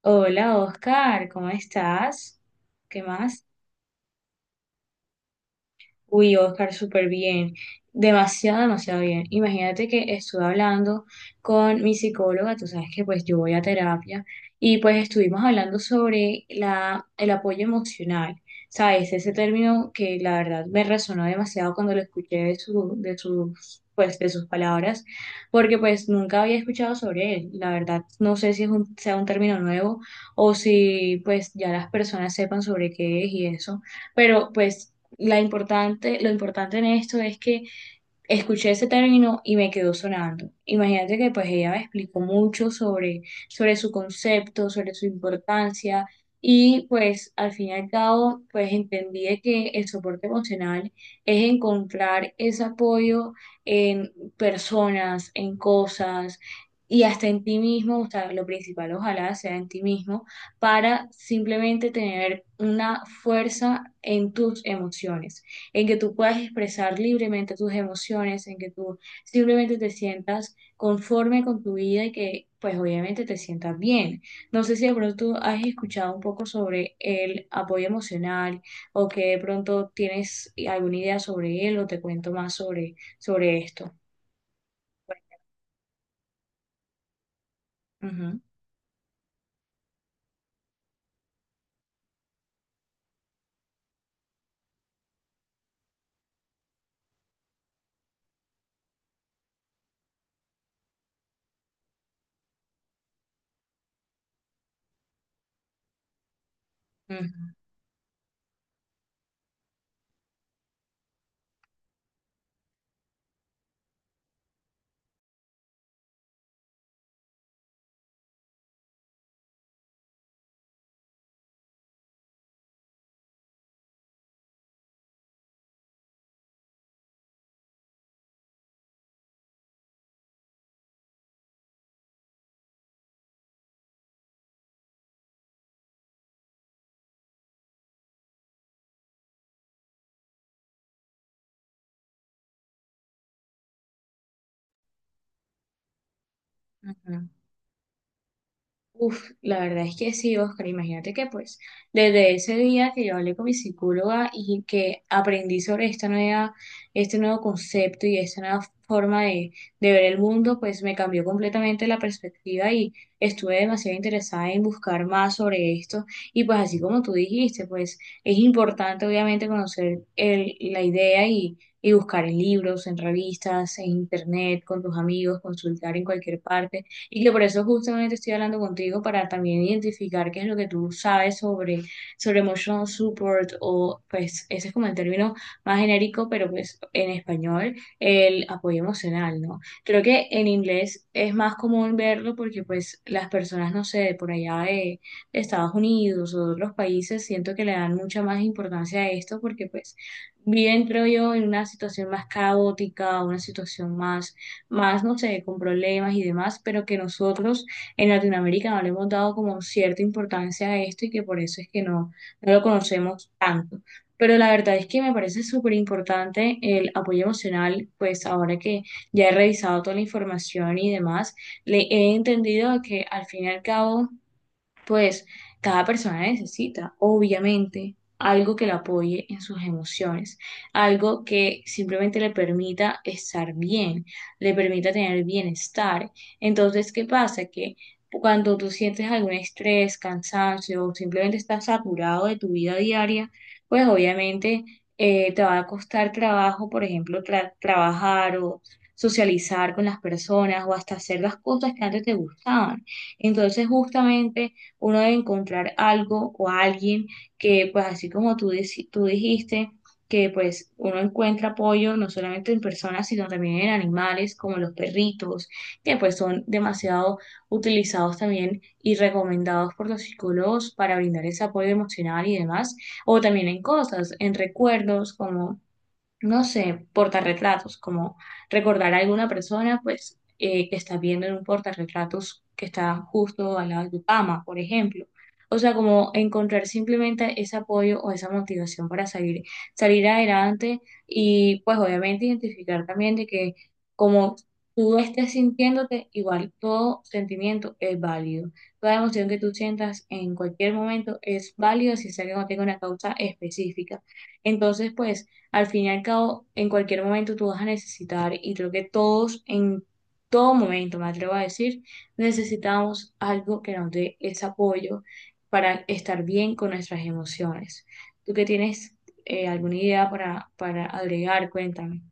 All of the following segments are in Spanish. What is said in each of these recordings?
Hola Oscar, ¿cómo estás? ¿Qué más? Uy, Oscar, súper bien. Demasiado, demasiado bien. Imagínate que estuve hablando con mi psicóloga, tú sabes que pues yo voy a terapia y pues estuvimos hablando sobre el apoyo emocional. ¿Sabes? Ese término que la verdad me resonó demasiado cuando lo escuché de su, de sus, pues, de sus palabras, porque pues nunca había escuchado sobre él. La verdad, no sé si es sea un término nuevo o si pues ya las personas sepan sobre qué es y eso. Pero pues lo importante en esto es que escuché ese término y me quedó sonando. Imagínate que pues ella me explicó mucho sobre su concepto, sobre su importancia y pues al fin y al cabo pues entendí de que el soporte emocional es encontrar ese apoyo en personas, en cosas y hasta en ti mismo, o sea, lo principal ojalá sea en ti mismo para simplemente tener una fuerza en tus emociones en que tú puedas expresar libremente tus emociones, en que tú simplemente te sientas conforme con tu vida y que pues obviamente te sientas bien. No sé si de pronto has escuchado un poco sobre el apoyo emocional o que de pronto tienes alguna idea sobre él o te cuento más sobre esto. Ujú, ujú, ujú. Uf, la verdad es que sí, Oscar. Imagínate que pues desde ese día que yo hablé con mi psicóloga y que aprendí sobre este nuevo concepto y esta nueva forma de ver el mundo, pues me cambió completamente la perspectiva y estuve demasiado interesada en buscar más sobre esto. Y pues así como tú dijiste, pues es importante obviamente conocer la idea y buscar en libros, en revistas, en internet, con tus amigos, consultar en cualquier parte y que por eso justamente estoy hablando contigo para también identificar qué es lo que tú sabes sobre emotional support o pues ese es como el término más genérico, pero pues en español, el apoyo emocional, ¿no? Creo que en inglés es más común verlo porque pues las personas, no sé, de por allá de Estados Unidos o de otros países, siento que le dan mucha más importancia a esto porque pues viven, creo yo, en una situación más caótica, una situación más, no sé, con problemas y demás, pero que nosotros en Latinoamérica no le hemos dado como cierta importancia a esto y que por eso es que no lo conocemos tanto. Pero la verdad es que me parece súper importante el apoyo emocional, pues ahora que ya he revisado toda la información y demás, le he entendido que al fin y al cabo pues cada persona necesita, obviamente, algo que la apoye en sus emociones, algo que simplemente le permita estar bien, le permita tener bienestar. Entonces, ¿qué pasa? Que cuando tú sientes algún estrés, cansancio o simplemente estás saturado de tu vida diaria, pues obviamente te va a costar trabajo, por ejemplo, trabajar o socializar con las personas o hasta hacer las cosas que antes te gustaban. Entonces, justamente uno debe encontrar algo o alguien que, pues así como tú, tú dijiste, que pues uno encuentra apoyo no solamente en personas, sino también en animales como los perritos, que pues son demasiado utilizados también y recomendados por los psicólogos para brindar ese apoyo emocional y demás, o también en cosas, en recuerdos como no sé, portarretratos, como recordar a alguna persona, pues que estás viendo en un portarretratos que está justo al lado de tu cama, por ejemplo. O sea, como encontrar simplemente ese apoyo o esa motivación para salir adelante y pues obviamente identificar también de que como tú estés sintiéndote, igual todo sentimiento es válido. Toda emoción que tú sientas en cualquier momento es válida si es que no tenga una causa específica. Entonces, pues al fin y al cabo, en cualquier momento tú vas a necesitar, y creo que todos en todo momento, me atrevo a decir, necesitamos algo que nos dé ese apoyo para estar bien con nuestras emociones. ¿Tú que tienes alguna idea para agregar? Cuéntame.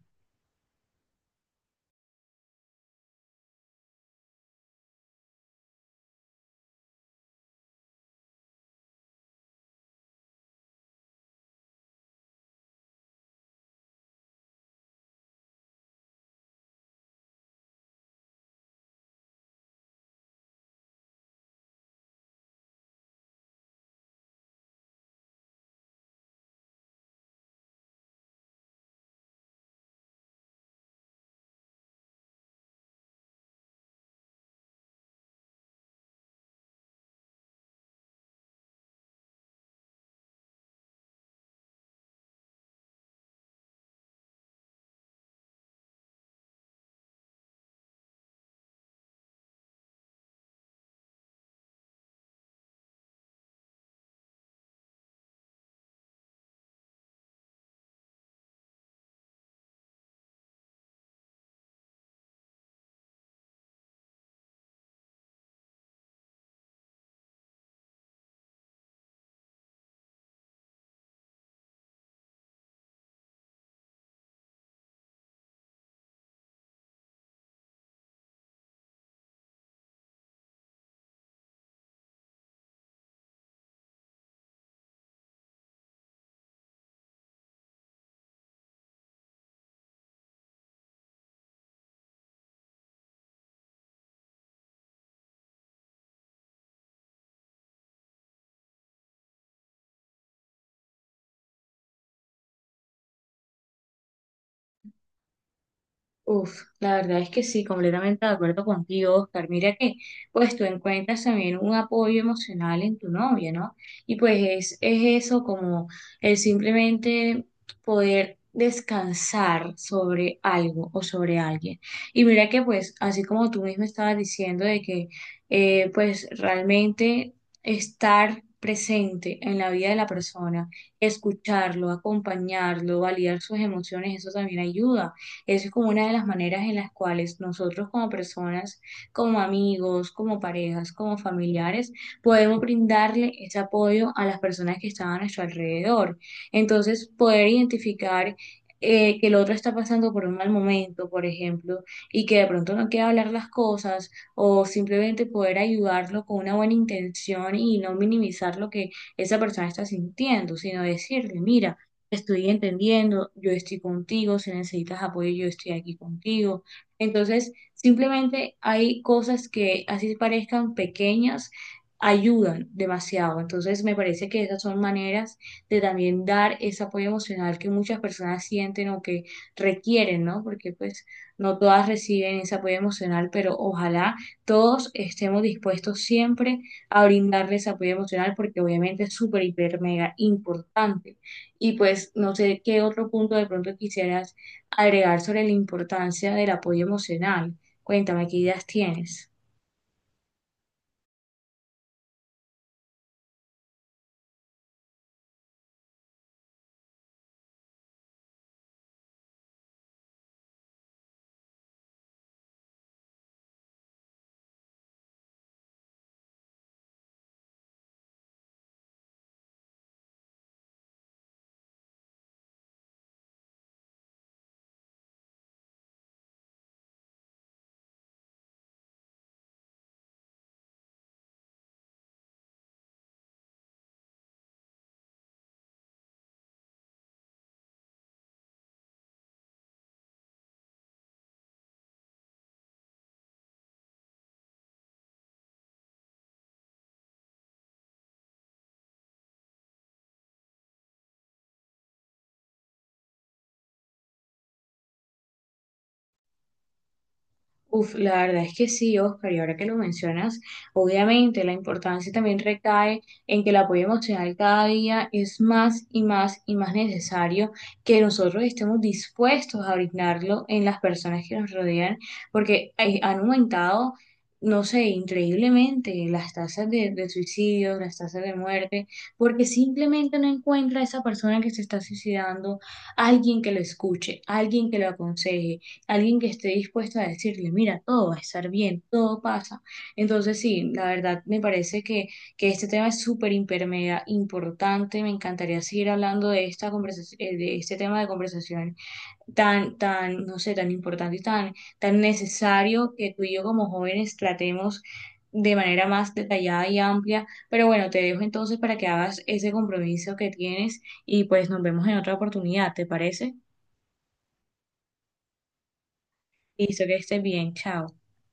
Uf, la verdad es que sí, completamente de acuerdo contigo, Oscar. Mira que, pues tú encuentras también un apoyo emocional en tu novia, ¿no? Y pues es eso como el simplemente poder descansar sobre algo o sobre alguien. Y mira que, pues, así como tú mismo estabas diciendo de que, pues, realmente estar presente en la vida de la persona, escucharlo, acompañarlo, validar sus emociones, eso también ayuda eso es como una de las maneras en las cuales nosotros como personas, como amigos, como parejas, como familiares, podemos brindarle ese apoyo a las personas que están a nuestro alrededor. Entonces, poder identificar que el otro está pasando por un mal momento, por ejemplo, y que de pronto no quiere hablar las cosas, o simplemente poder ayudarlo con una buena intención y no minimizar lo que esa persona está sintiendo, sino decirle, mira, estoy entendiendo, yo estoy contigo, si necesitas apoyo, yo estoy aquí contigo. Entonces, simplemente hay cosas que así parezcan pequeñas, ayudan demasiado. Entonces, me parece que esas son maneras de también dar ese apoyo emocional que muchas personas sienten o que requieren, ¿no? Porque pues no todas reciben ese apoyo emocional, pero ojalá todos estemos dispuestos siempre a brindarles apoyo emocional porque obviamente es súper, hiper, mega importante. Y pues no sé qué otro punto de pronto quisieras agregar sobre la importancia del apoyo emocional. Cuéntame, ¿qué ideas tienes? Uf, la verdad es que sí, Oscar, y ahora que lo mencionas, obviamente la importancia también recae en que el apoyo emocional cada día es más y más y más necesario que nosotros estemos dispuestos a brindarlo en las personas que nos rodean, porque han aumentado, no sé, increíblemente las tasas de suicidio, las tasas de muerte, porque simplemente no encuentra a esa persona que se está suicidando, alguien que lo escuche, alguien que lo aconseje alguien que esté dispuesto a decirle, mira, todo va a estar bien, todo pasa. Entonces, sí, la verdad me parece que este tema es súper hiper, mega importante. Me encantaría seguir hablando de esta conversación, de este tema de conversación tan, tan, no sé, tan importante y tan, tan necesario que tú y yo como jóvenes tratemos de manera más detallada y amplia. Pero bueno, te dejo entonces para que hagas ese compromiso que tienes y pues nos vemos en otra oportunidad, ¿te parece? Listo, que estés bien, chao.